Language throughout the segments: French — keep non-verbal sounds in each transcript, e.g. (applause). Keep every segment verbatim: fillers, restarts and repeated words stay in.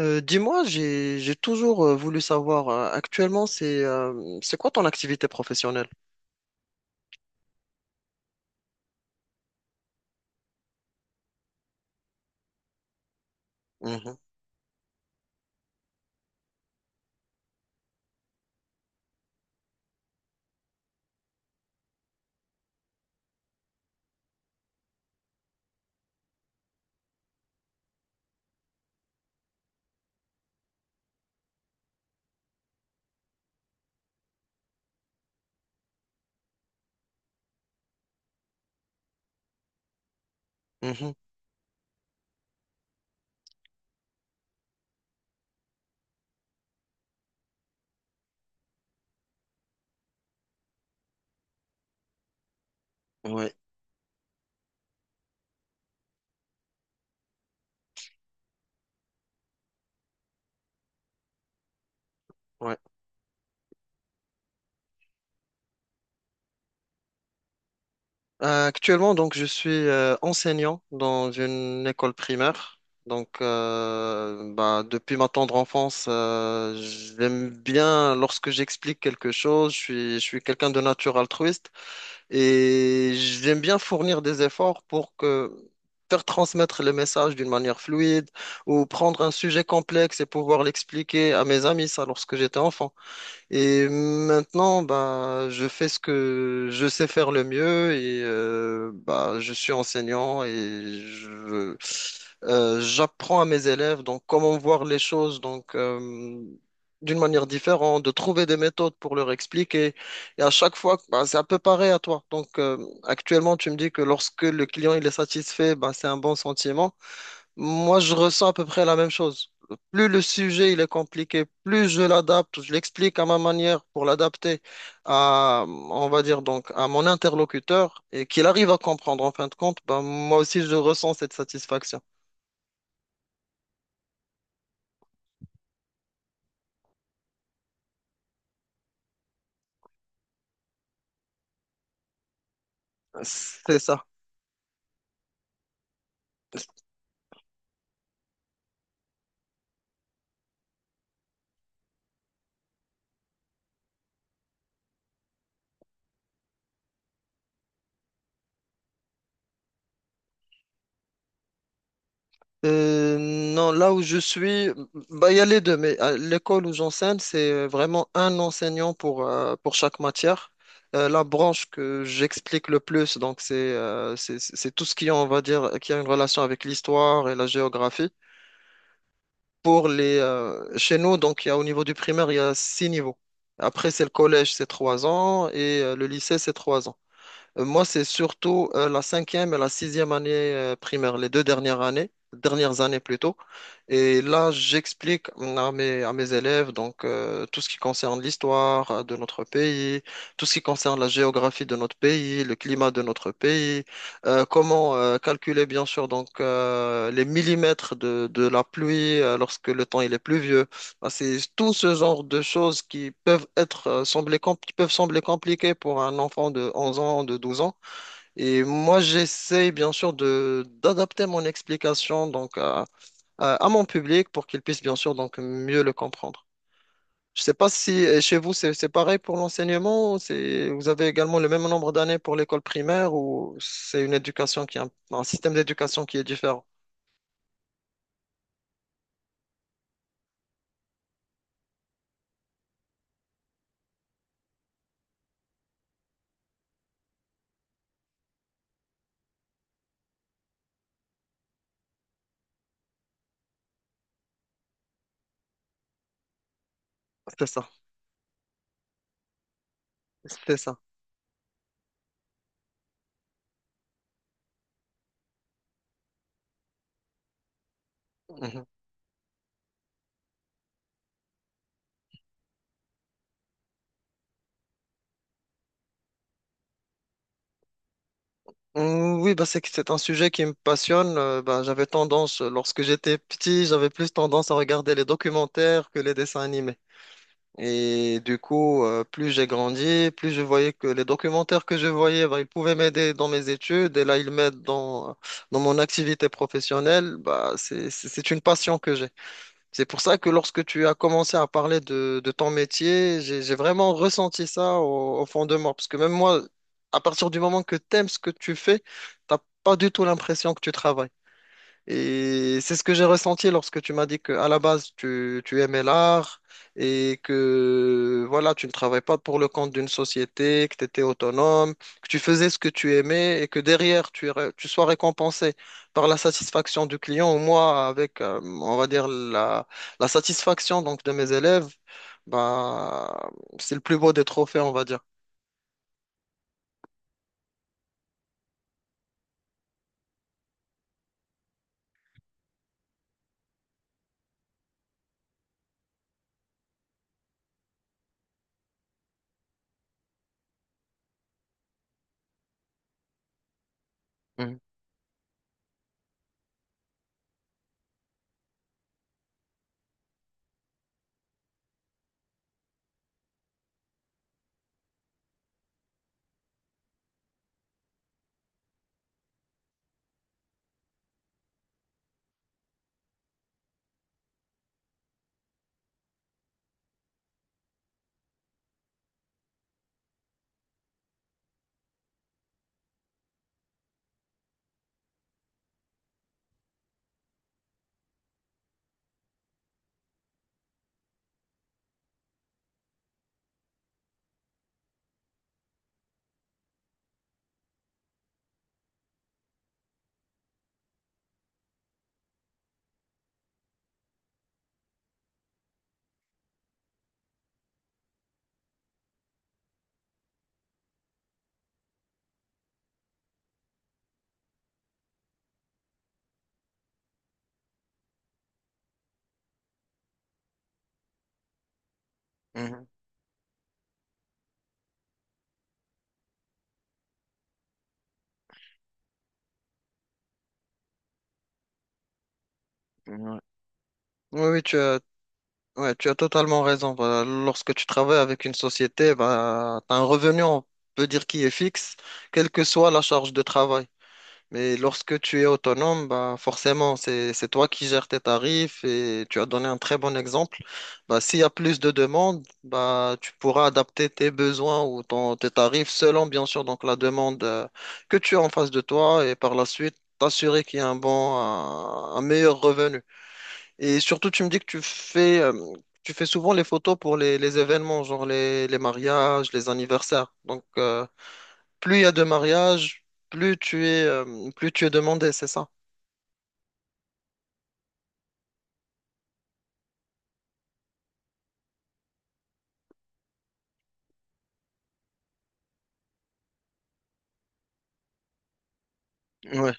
Euh, dis-moi, j'ai j'ai toujours euh, voulu savoir, euh, actuellement, c'est euh, c'est quoi ton activité professionnelle? Mhm, mhm, ouais, ouais. Euh, actuellement, donc, je suis euh, enseignant dans une école primaire. Donc, euh, bah, depuis ma tendre enfance, euh, j'aime bien lorsque j'explique quelque chose. Je suis, je suis quelqu'un de nature altruiste. Et j'aime bien fournir des efforts pour que faire transmettre le message d'une manière fluide ou prendre un sujet complexe et pouvoir l'expliquer à mes amis, ça, lorsque j'étais enfant. Et maintenant, bah, je fais ce que je sais faire le mieux et euh, bah, je suis enseignant et je, euh, j'apprends à mes élèves donc comment voir les choses donc euh, d'une manière différente, de trouver des méthodes pour leur expliquer. Et à chaque fois, bah, c'est un peu pareil à toi. Donc euh, actuellement, tu me dis que lorsque le client il est satisfait, bah, c'est un bon sentiment. Moi, je ressens à peu près la même chose. Plus le sujet il est compliqué, plus je l'adapte, je l'explique à ma manière pour l'adapter à, on va dire donc, à mon interlocuteur et qu'il arrive à comprendre en fin de compte, ben, moi aussi je ressens cette satisfaction. C'est ça. Euh, non, là où je suis, bah, il y a les deux, mais à l'école où j'enseigne, c'est euh, vraiment un enseignant pour, euh, pour chaque matière. Euh, la branche que j'explique le plus, donc c'est euh, c'est c'est tout ce qui, on va dire, qui a une relation avec l'histoire et la géographie. Pour les, euh, chez nous, donc il y a, au niveau du primaire, il y a six niveaux. Après, c'est le collège, c'est trois ans, et euh, le lycée, c'est trois ans. Euh, Moi, c'est surtout euh, la cinquième et la sixième année euh, primaire, les deux dernières années, dernières années plutôt. Et là, j'explique mm, à mes, à mes élèves donc euh, tout ce qui concerne l'histoire euh, de notre pays, tout ce qui concerne la géographie de notre pays, le climat de notre pays, euh, comment euh, calculer bien sûr donc euh, les millimètres de, de la pluie euh, lorsque le temps il est pluvieux. Ah, c'est tout ce genre de choses qui peuvent être euh, sembler compl- qui peuvent sembler compliquées pour un enfant de onze ans, de douze ans. Et moi, j'essaie bien sûr de d'adapter mon explication donc à, à- à mon public pour qu'il puisse bien sûr donc mieux le comprendre. Je sais pas si euh, chez vous c'est c'est pareil pour l'enseignement, ou c'est vous avez également le même nombre d'années pour l'école primaire ou c'est une éducation qui est un, un système d'éducation qui est différent. C'est ça, c'est ça. Mhm. Mm, Oui, bah, c'est que c'est un sujet qui me passionne. Euh, bah, j'avais tendance, euh, lorsque j'étais petit, j'avais plus tendance à regarder les documentaires que les dessins animés. Et du coup, euh, plus j'ai grandi, plus je voyais que les documentaires que je voyais, bah, ils pouvaient m'aider dans mes études. Et là, ils m'aident dans, dans mon activité professionnelle. Bah, c'est, c'est c'est une passion que j'ai. C'est pour ça que lorsque tu as commencé à parler de, de ton métier, j'ai, j'ai vraiment ressenti ça au, au fond de moi. Parce que même moi, à partir du moment que tu aimes ce que tu fais, t'as pas du tout l'impression que tu travailles. Et c'est ce que j'ai ressenti lorsque tu m'as dit que à la base, tu, tu aimais l'art et que voilà, tu ne travailles pas pour le compte d'une société, que tu étais autonome, que tu faisais ce que tu aimais et que derrière, tu, ré- tu sois récompensé par la satisfaction du client ou moi avec, euh, on va dire, la, la satisfaction donc, de mes élèves. Bah, c'est le plus beau des trophées, on va dire. Mhm, mhm, mhm, ouais. Oui, oui, tu as, ouais, tu as totalement raison. Bah, lorsque tu travailles avec une société, bah, tu as un revenu, on peut dire, qui est fixe, quelle que soit la charge de travail. Mais lorsque tu es autonome, bah, forcément, c'est, c'est toi qui gères tes tarifs et tu as donné un très bon exemple. Bah, s'il y a plus de demandes, bah, tu pourras adapter tes besoins ou ton, tes tarifs selon, bien sûr, donc la demande euh, que tu as en face de toi et par la suite, t'assurer qu'il y a un bon, un un meilleur revenu. Et surtout, tu me dis que tu fais, euh, tu fais souvent les photos pour les, les événements, genre les, les mariages, les anniversaires. Donc, euh, plus il y a de mariages, plus tu es, euh, plus tu es demandé, c'est ça? Ouais,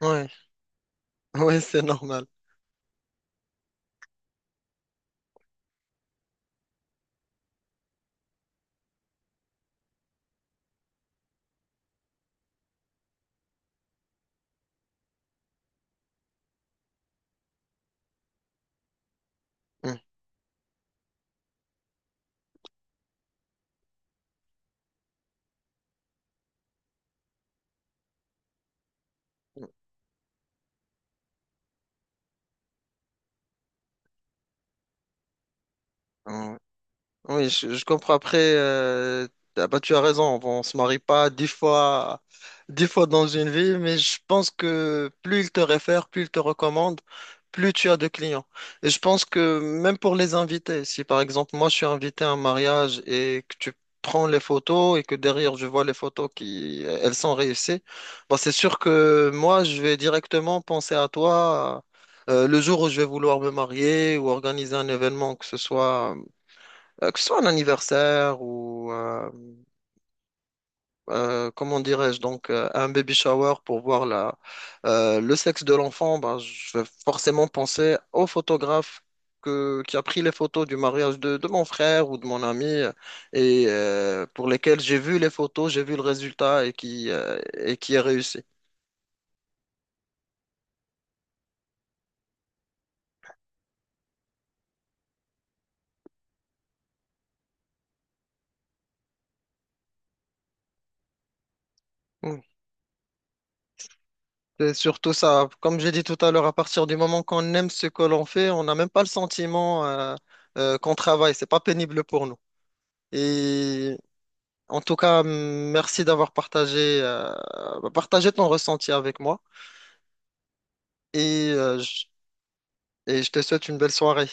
ouais, (laughs) ouais, c'est normal. Mm. Oui, je, je comprends. Après, euh, ah bah, tu as raison, on, se marie pas dix fois, dix fois dans une vie, mais je pense que plus ils te réfèrent, plus ils te recommandent, plus tu as de clients. Et je pense que même pour les invités, si par exemple moi je suis invité à un mariage et que tu prends les photos et que derrière je vois les photos qui, elles sont réussies, bah, c'est sûr que moi je vais directement penser à toi. Euh, le jour où je vais vouloir me marier ou organiser un événement, que ce soit euh, que ce soit un anniversaire ou, euh, euh, comment dirais-je, donc euh, un baby shower pour voir la, euh, le sexe de l'enfant, ben, je vais forcément penser au photographe que, qui a pris les photos du mariage de, de mon frère ou de mon ami euh, et euh, pour lesquels j'ai vu les photos, j'ai vu le résultat et qui, euh, et qui est réussi. Mm. C'est surtout ça. Comme j'ai dit tout à l'heure, à partir du moment qu'on aime ce que l'on fait, on n'a même pas le sentiment euh, euh, qu'on travaille. C'est pas pénible pour nous. Et En tout cas, merci d'avoir partagé, euh, bah, partagé ton ressenti avec moi et, euh, je- et je te souhaite une belle soirée.